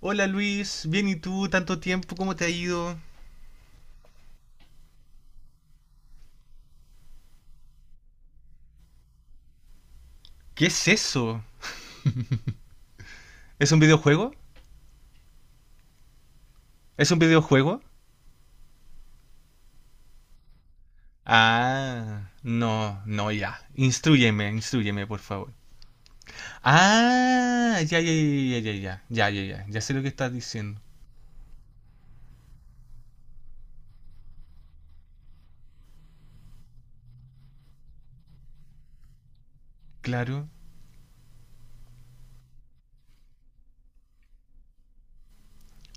Hola Luis, bien y tú, tanto tiempo, ¿cómo te ha ido? ¿Qué es eso? ¿Es un videojuego? ¿Es un videojuego? Ah, no, no, ya. Instrúyeme, instrúyeme, por favor. Ah, ya, ya, ya, ya, ya, ya, ya, ya, ya, ya sé lo que estás diciendo. Claro.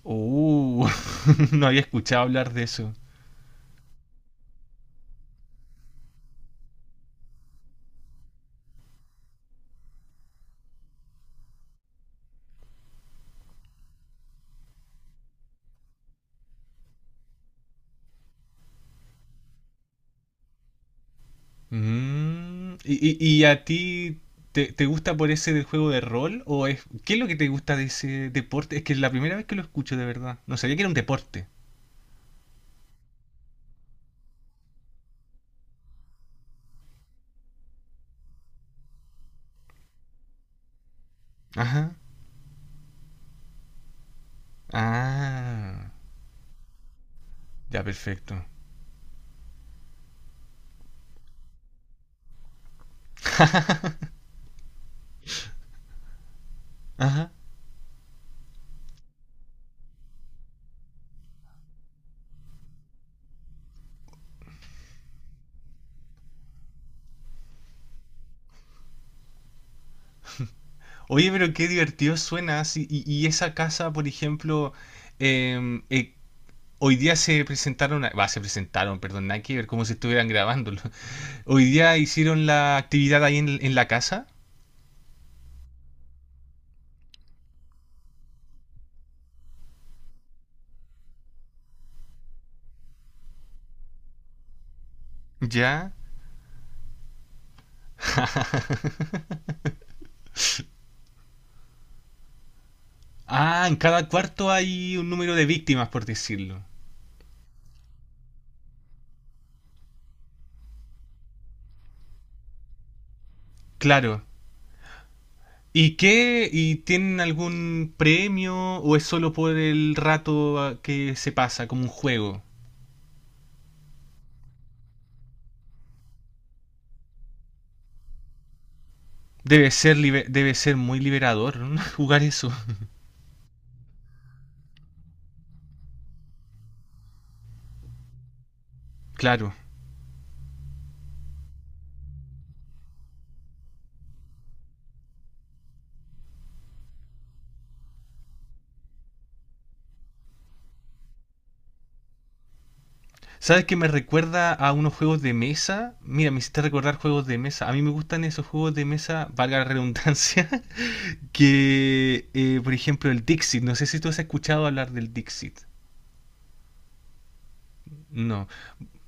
Uh, no había escuchado hablar de eso. Mm, ¿Y a ti te, te gusta por ese del juego de rol? ¿O es, qué es lo que te gusta de ese deporte? Es que es la primera vez que lo escucho de verdad. No sabía que era un deporte. Ajá. Ah, ya perfecto. Ajá. Oye, pero qué divertido suena. Sí, y esa casa, por ejemplo, em, eh, hoy día se presentaron, a- va, se presentaron, perdón, nada que ver, como si estuvieran grabándolo. Hoy día hicieron la actividad ahí en la casa. Ya. Ah, en cada cuarto hay un número de víctimas, por decirlo. Claro. ¿Y qué? ¿Y tienen algún premio o es solo por el rato ah, que se pasa, como un juego? Debe ser, liber- debe ser muy liberador, ¿no? jugar eso. Claro. ¿Sabes que me recuerda a unos juegos de mesa? Mira, me hiciste recordar juegos de mesa. A mí me gustan esos juegos de mesa, valga la redundancia, que, por ejemplo, el Dixit. No sé si tú has escuchado hablar del Dixit. No.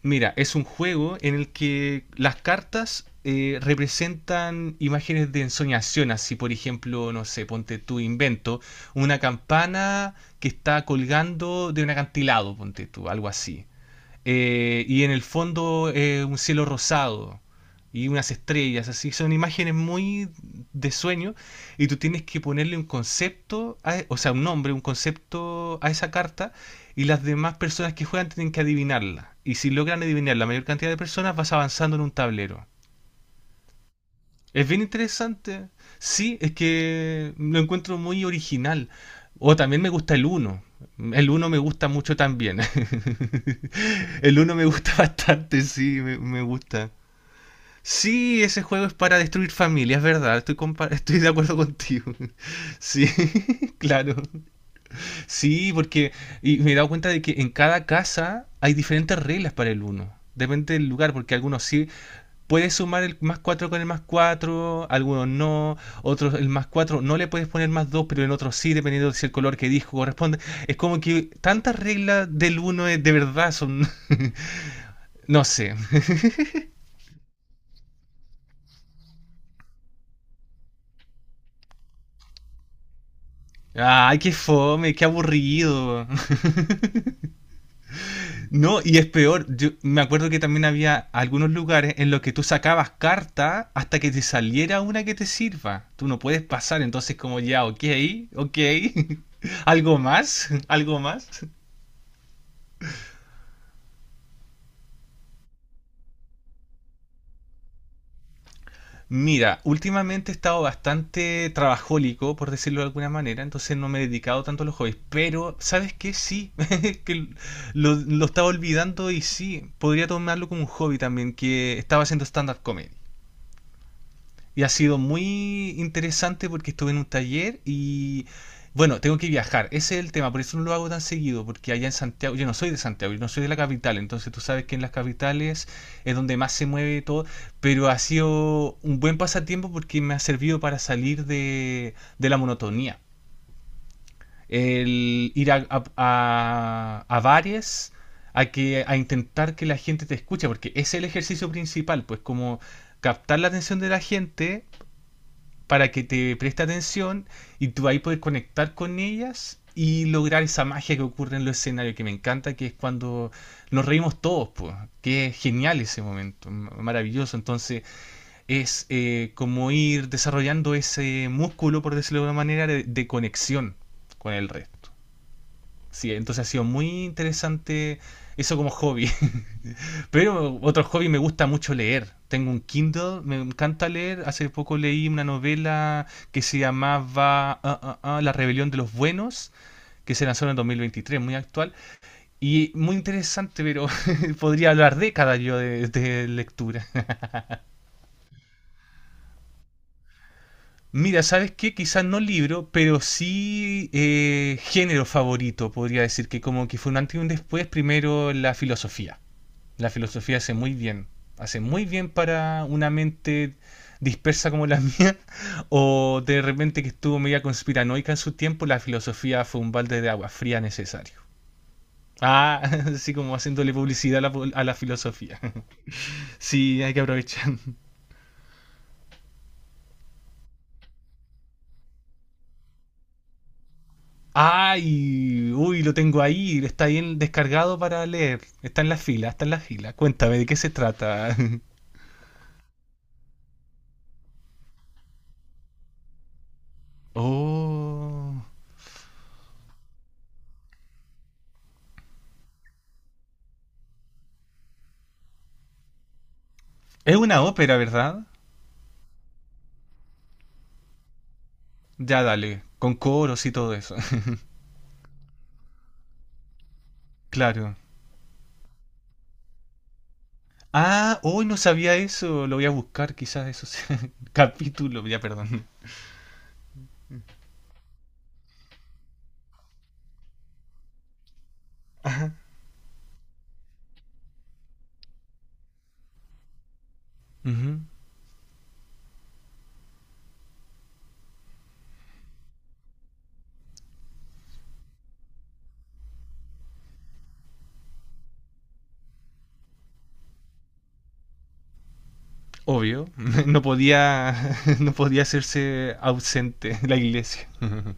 Mira, es un juego en el que las cartas representan imágenes de ensoñación, así por ejemplo, no sé, ponte tú invento, una campana que está colgando de un acantilado, ponte tú, algo así, y en el fondo un cielo rosado y unas estrellas, así son imágenes muy de sueño, y tú tienes que ponerle un concepto, a- e, o sea, un nombre, un concepto a esa carta y las demás personas que juegan tienen que adivinarla. Y si logran adivinar la mayor cantidad de personas vas avanzando en un tablero. Es bien interesante. Sí, es que lo encuentro muy original. O también me gusta el uno. El uno me gusta mucho también. El uno me gusta bastante, sí, me gusta. Sí, ese juego es para destruir familias, es verdad. Estoy, compa- estoy de acuerdo contigo. Sí, claro. Sí, porque y me he dado cuenta de que en cada casa hay diferentes reglas para el uno. Depende del lugar, porque algunos sí puedes sumar el más 4 con el más 4, algunos no, otros el más 4 no le puedes poner más 2, pero en otros sí, dependiendo de si el color que dijo corresponde. Es como que tantas reglas del 1 de verdad son... no sé. Ay, qué fome, qué aburrido. No, y es peor, yo me acuerdo que también había algunos lugares en los que tú sacabas carta hasta que te saliera una que te sirva. Tú no puedes pasar, entonces como ya, ok, ok. ¿Algo más? ¿Algo más? Mira, últimamente he estado bastante trabajólico, por decirlo de alguna manera, entonces no me he dedicado tanto a los hobbies, pero ¿sabes qué? Sí, que lo estaba olvidando y sí, podría tomarlo como un hobby también, que estaba haciendo stand-up comedy. Y ha sido muy interesante porque estuve en un taller y bueno, tengo que viajar. Ese es el tema, por eso no lo hago tan seguido, porque allá en Santiago, yo no soy de Santiago, yo no soy de la capital, entonces tú sabes que en las capitales es donde más se mueve todo, pero ha sido un buen pasatiempo porque me ha servido para salir de la monotonía. El ir a bares, a, que, a intentar que la gente te escuche, porque ese es el ejercicio principal, pues como captar la atención de la gente para que te preste atención y tú ahí puedes conectar con ellas y lograr esa magia que ocurre en los escenarios, que me encanta, que es cuando nos reímos todos, pues, que es genial ese momento, maravilloso. Entonces es como ir desarrollando ese músculo, por decirlo de alguna manera, de conexión con el resto. Sí, entonces ha sido muy interesante eso como hobby. Pero otro hobby me gusta mucho leer. Tengo un Kindle, me encanta leer. Hace poco leí una novela que se llamaba La Rebelión de los Buenos, que se lanzó en el 2023, muy actual. Y muy interesante, pero podría hablar décadas yo de lectura. Mira, ¿sabes qué? Quizás no libro, pero sí género favorito, podría decir que como que fue un antes y un después, primero la filosofía. La filosofía hace muy bien. Hace muy bien para una mente dispersa como la mía, o de repente que estuvo media conspiranoica en su tiempo, la filosofía fue un balde de agua fría necesario. Ah, así como haciéndole publicidad a la filosofía. Sí, hay que aprovechar. Ay, uy, lo tengo ahí, está bien descargado para leer. Está en la fila, está en la fila. Cuéntame, ¿de qué se trata? Oh. ¿Es una ópera, verdad? Ya dale, con coros y todo eso. Claro. Ah, hoy no sabía eso. Lo voy a buscar, quizás eso sea. Capítulo, ya perdón. Ujú. Obvio, no podía, no podía hacerse ausente la iglesia.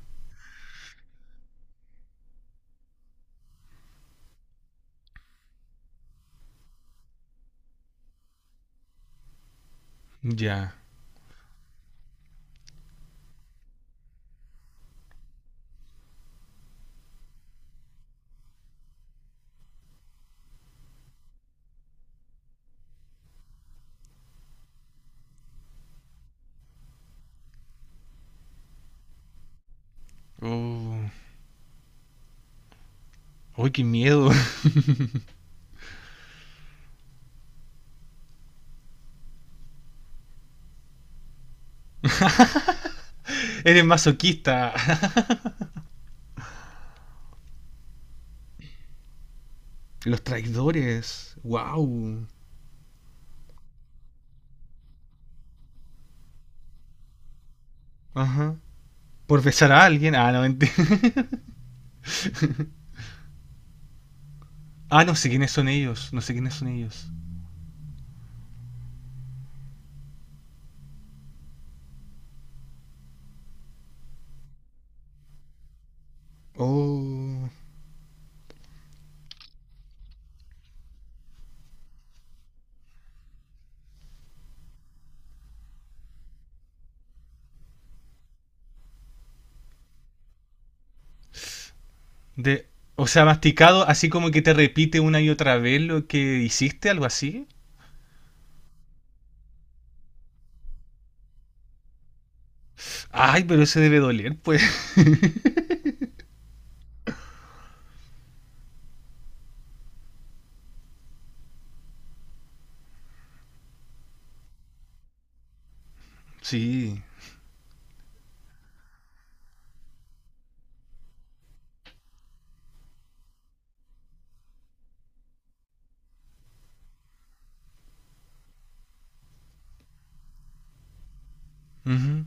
Ya. Oh. Uy, qué miedo. Eres masoquista. Los traidores. Wow. Ajá. Por besar a alguien. Ah, no mentira. Ah, no sé quiénes son ellos. No sé quiénes son ellos. Oh. De, o sea, masticado, así como que te repite una y otra vez lo que hiciste, algo así. Ay, pero ese debe doler, pues. Sí. Ujú.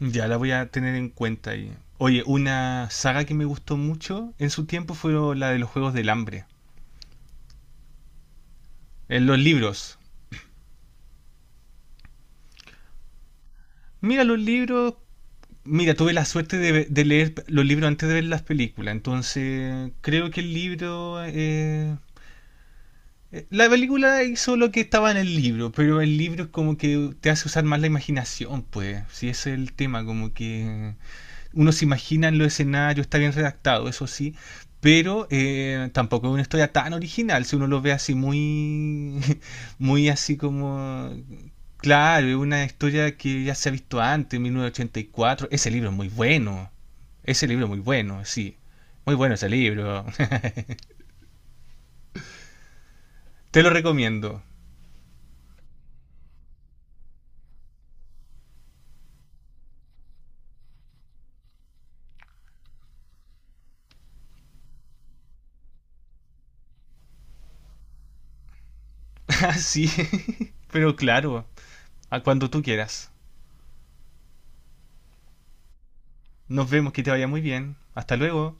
Ya la voy a tener en cuenta ahí. Oye, una saga que me gustó mucho en su tiempo fue la de los Juegos del Hambre. En los libros. Mira, los libros. Mira, tuve la suerte de, ve- de leer los libros antes de ver las películas. Entonces, creo que el libro. La película hizo lo que estaba en el libro, pero el libro es como que te hace usar más la imaginación, pues. Si ese es el tema, como que uno se imagina en los escenarios, está bien redactado, eso sí, pero tampoco es una historia tan original, si uno lo ve así muy, muy así como... Claro, es una historia que ya se ha visto antes, en 1984. Ese libro es muy bueno. Ese libro es muy bueno, sí. Muy bueno ese libro. Te lo recomiendo. Sí, pero claro, a cuando tú quieras. Nos vemos, que te vaya muy bien. Hasta luego.